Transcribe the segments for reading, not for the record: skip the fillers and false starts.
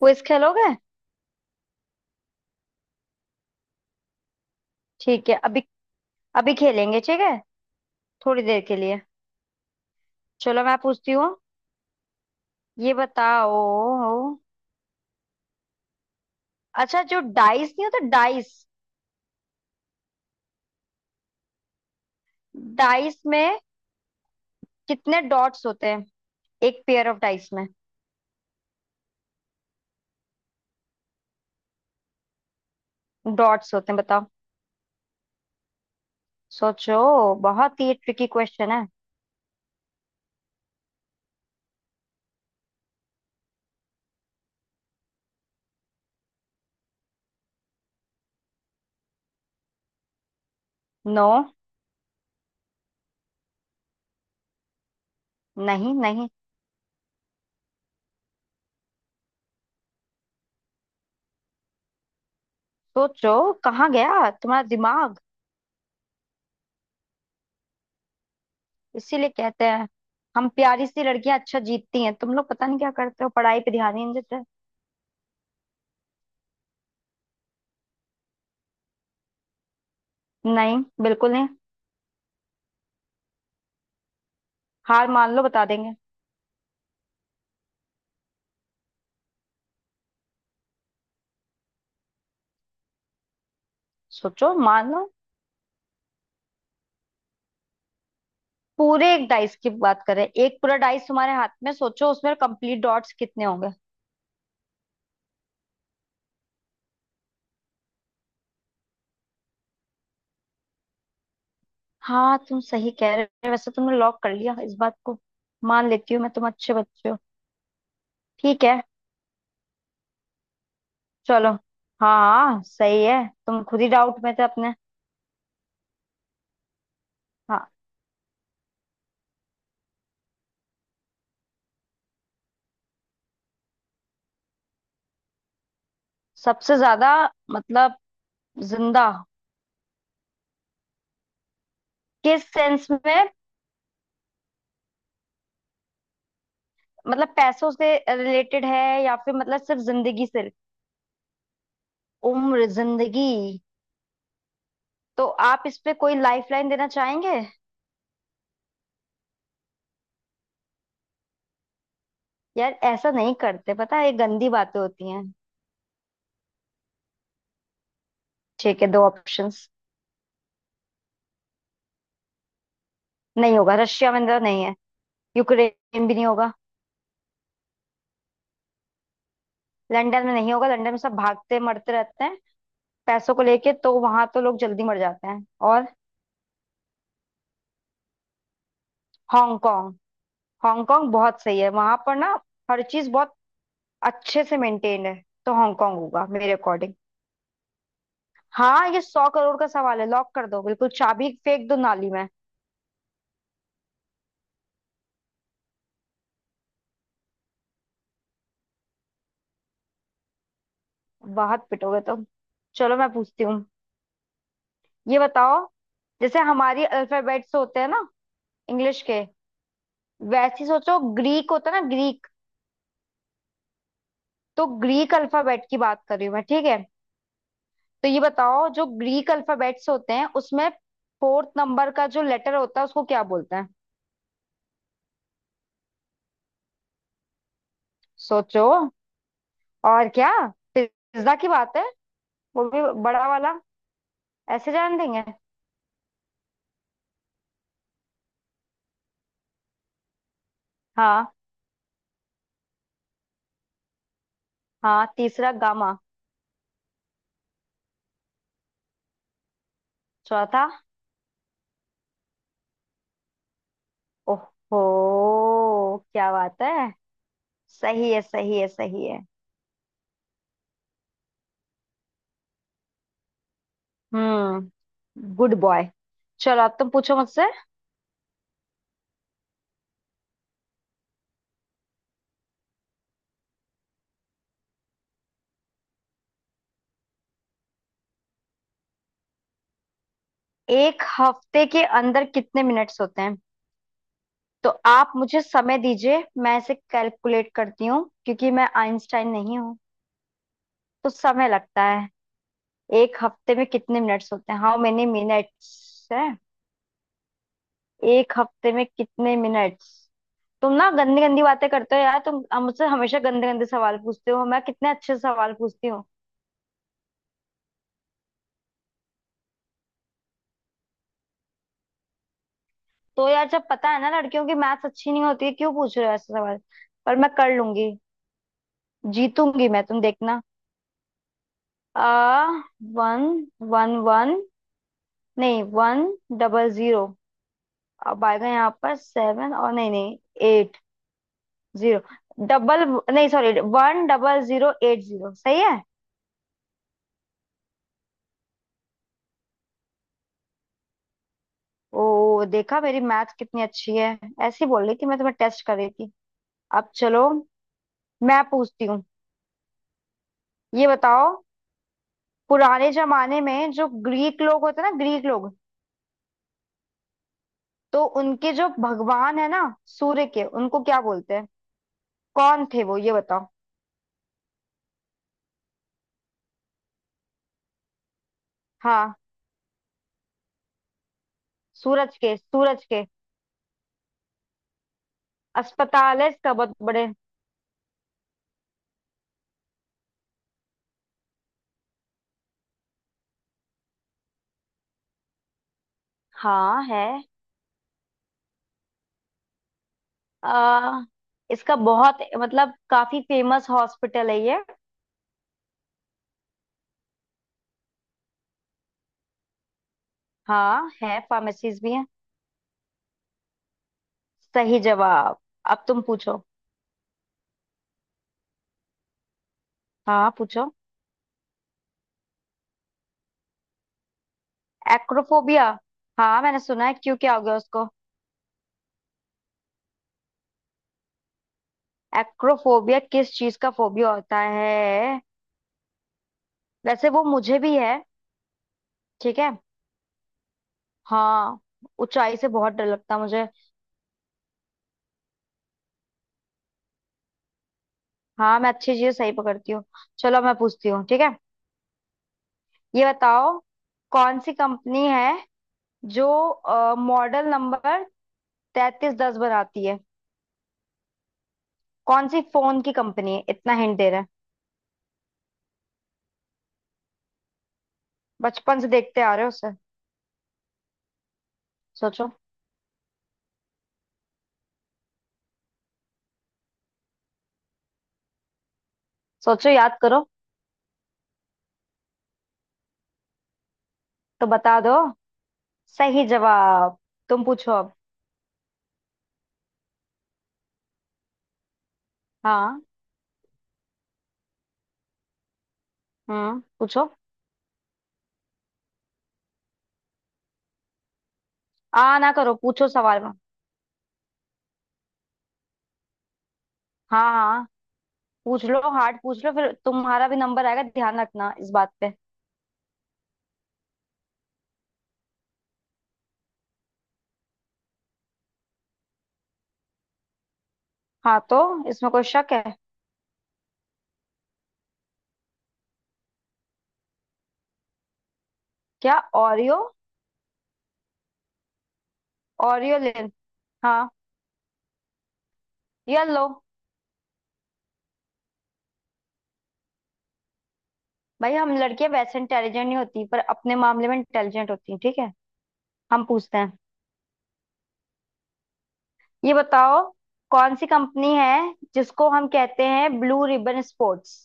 Quiz खेलोगे। ठीक है, अभी अभी खेलेंगे, ठीक है, थोड़ी देर के लिए। चलो, मैं पूछती हूँ, ये बताओ। अच्छा, जो डाइस नहीं होता, डाइस, डाइस में कितने डॉट्स होते हैं एक पेयर ऑफ डाइस में? डॉट्स होते हैं, बताओ। सोचो, बहुत ही ट्रिकी क्वेश्चन है। नो। नहीं नहीं, सोचो, कहाँ गया तुम्हारा दिमाग। इसीलिए कहते हैं हम प्यारी सी लड़कियां अच्छा जीतती हैं, तुम लोग पता नहीं क्या करते हो, पढ़ाई पे ध्यान ही नहीं देते। नहीं, बिल्कुल नहीं। हार मान लो, बता देंगे। सोचो, मान लो, पूरे एक डाइस की बात करें, एक पूरा डाइस तुम्हारे हाथ में, सोचो उसमें कंप्लीट डॉट्स कितने होंगे। हाँ, तुम सही कह रहे हो। वैसे तुमने लॉक कर लिया इस बात को, मान लेती हूँ, मैं तुम अच्छे बच्चे हो। ठीक है, चलो। हाँ। हाँ, सही है, तुम खुद ही डाउट में थे अपने। हाँ। सबसे ज्यादा मतलब जिंदा? किस सेंस में, मतलब पैसों से रिलेटेड है या फिर मतलब सिर्फ जिंदगी से? उम्र, जिंदगी। तो आप इस पे कोई लाइफ लाइन देना चाहेंगे? यार ऐसा नहीं करते, पता है ये गंदी बातें होती हैं। ठीक है, दो ऑप्शंस। नहीं होगा, रशिया में तो नहीं है, यूक्रेन भी नहीं होगा। लंदन में नहीं होगा, लंदन में सब भागते मरते रहते हैं पैसों को लेके, तो वहां तो लोग जल्दी मर जाते हैं। और? हांगकांग। हांगकांग बहुत सही है, वहां पर ना हर चीज बहुत अच्छे से मेंटेन है, तो हांगकांग होगा मेरे अकॉर्डिंग। हाँ, ये 100 करोड़ का सवाल है, लॉक कर दो बिल्कुल, चाबी फेंक दो नाली में। बहुत पिटोगे तो। चलो, मैं पूछती हूँ, ये बताओ। जैसे हमारी अल्फाबेट्स होते हैं ना, इंग्लिश के, वैसे ही सोचो ग्रीक होता है ना, ग्रीक। तो ग्रीक अल्फाबेट की बात कर रही हूँ मैं, ठीक है। तो ये बताओ, जो ग्रीक अल्फाबेट्स होते हैं उसमें फोर्थ नंबर का जो लेटर होता है उसको क्या बोलते हैं? सोचो, और क्या, पिज्जा की बात है, वो भी बड़ा वाला, ऐसे जान देंगे। हाँ। हाँ, तीसरा गामा। चौथा? ओहो, क्या बात है। सही है, सही है, सही है। Good boy. चलो, अब तुम पूछो मुझसे। एक हफ्ते के अंदर कितने मिनट्स होते हैं? तो आप मुझे समय दीजिए, मैं इसे कैलकुलेट करती हूँ क्योंकि मैं आइंस्टाइन नहीं हूँ। तो समय लगता है। एक हफ्ते में कितने मिनट्स होते हैं, हाउ मेनी मिनट्स है? एक हफ्ते में कितने मिनट्स। तुम ना गंदी गंदी बातें करते हो यार, तुम मुझसे हमेशा गंदे गंदे सवाल पूछते हो, मैं कितने अच्छे सवाल पूछती हूँ। तो यार, जब पता है ना लड़कियों की मैथ्स अच्छी नहीं होती है, क्यों पूछ रहे हो ऐसे सवाल? पर मैं कर लूंगी, जीतूंगी मैं, तुम देखना। आ वन, वन वन, नहीं वन, डबल जीरो, अब आएगा यहाँ पर सेवन, और नहीं नहीं, एट, जीरो, डबल, नहीं sorry, one double zero eight zero, सही है। ओ, देखा मेरी मैथ कितनी अच्छी है, ऐसी बोल रही थी, मैं तुम्हें टेस्ट कर रही थी। अब चलो, मैं पूछती हूँ, ये बताओ। पुराने जमाने में जो ग्रीक लोग होते हैं ना, ग्रीक लोग, तो उनके जो भगवान है ना, सूर्य के, उनको क्या बोलते हैं, कौन थे वो, ये बताओ। हाँ, सूरज के, सूरज के। अस्पताल है इसका बहुत बड़े। हाँ है। आ, इसका बहुत मतलब काफी फेमस हॉस्पिटल है ये। हाँ, है फार्मेसीज भी हैं। सही जवाब। अब तुम पूछो। हाँ पूछो। एक्रोफोबिया? हाँ मैंने सुना है, क्यों, क्या हो गया उसको? एक्रोफोबिया किस चीज का फोबिया होता है? वैसे वो मुझे भी है, ठीक है। हाँ, ऊंचाई से बहुत डर लगता है मुझे। हाँ, मैं अच्छी चीजें सही पकड़ती हूँ। चलो मैं पूछती हूँ, ठीक है, ये बताओ। कौन सी कंपनी है जो मॉडल नंबर 3310 बनाती है? कौन सी फोन की कंपनी है, इतना हिंट दे रहे हैं, बचपन से देखते आ रहे हो उसे, सोचो। सोचो, याद करो। तो बता दो। सही जवाब। तुम पूछो अब। हाँ। पूछो। आ ना करो, पूछो सवाल में। हाँ हाँ, पूछ लो, हार्ड पूछ लो, फिर तुम्हारा भी नंबर आएगा, ध्यान रखना इस बात पे। हाँ, तो इसमें कोई शक है? क्या, ओरियो? ओरियोलिन। हाँ, ये लो। भाई, हम लड़कियां वैसे इंटेलिजेंट नहीं होती, पर अपने मामले में इंटेलिजेंट होती हैं, ठीक है। हम पूछते हैं, ये बताओ। कौन सी कंपनी है जिसको हम कहते हैं ब्लू रिबन स्पोर्ट्स?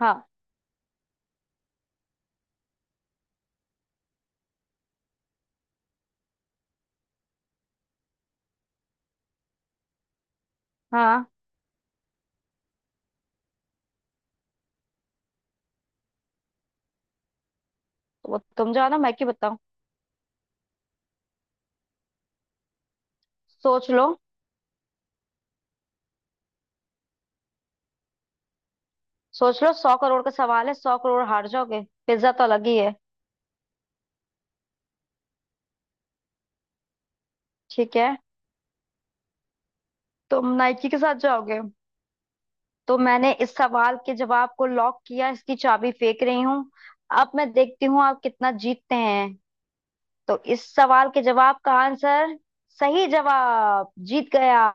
हाँ। हाँ। तो वो तुम जानो, मैं क्यों बताऊं। सोच लो, सोच लो, 100 करोड़ का सवाल है, 100 करोड़ हार जाओगे, पिज्जा तो अलग ही है। ठीक है, तुम नाइकी के साथ जाओगे, तो मैंने इस सवाल के जवाब को लॉक किया, इसकी चाबी फेंक रही हूँ। अब मैं देखती हूँ आप कितना जीतते हैं। तो इस सवाल के जवाब का आंसर, सही जवाब, जीत गया।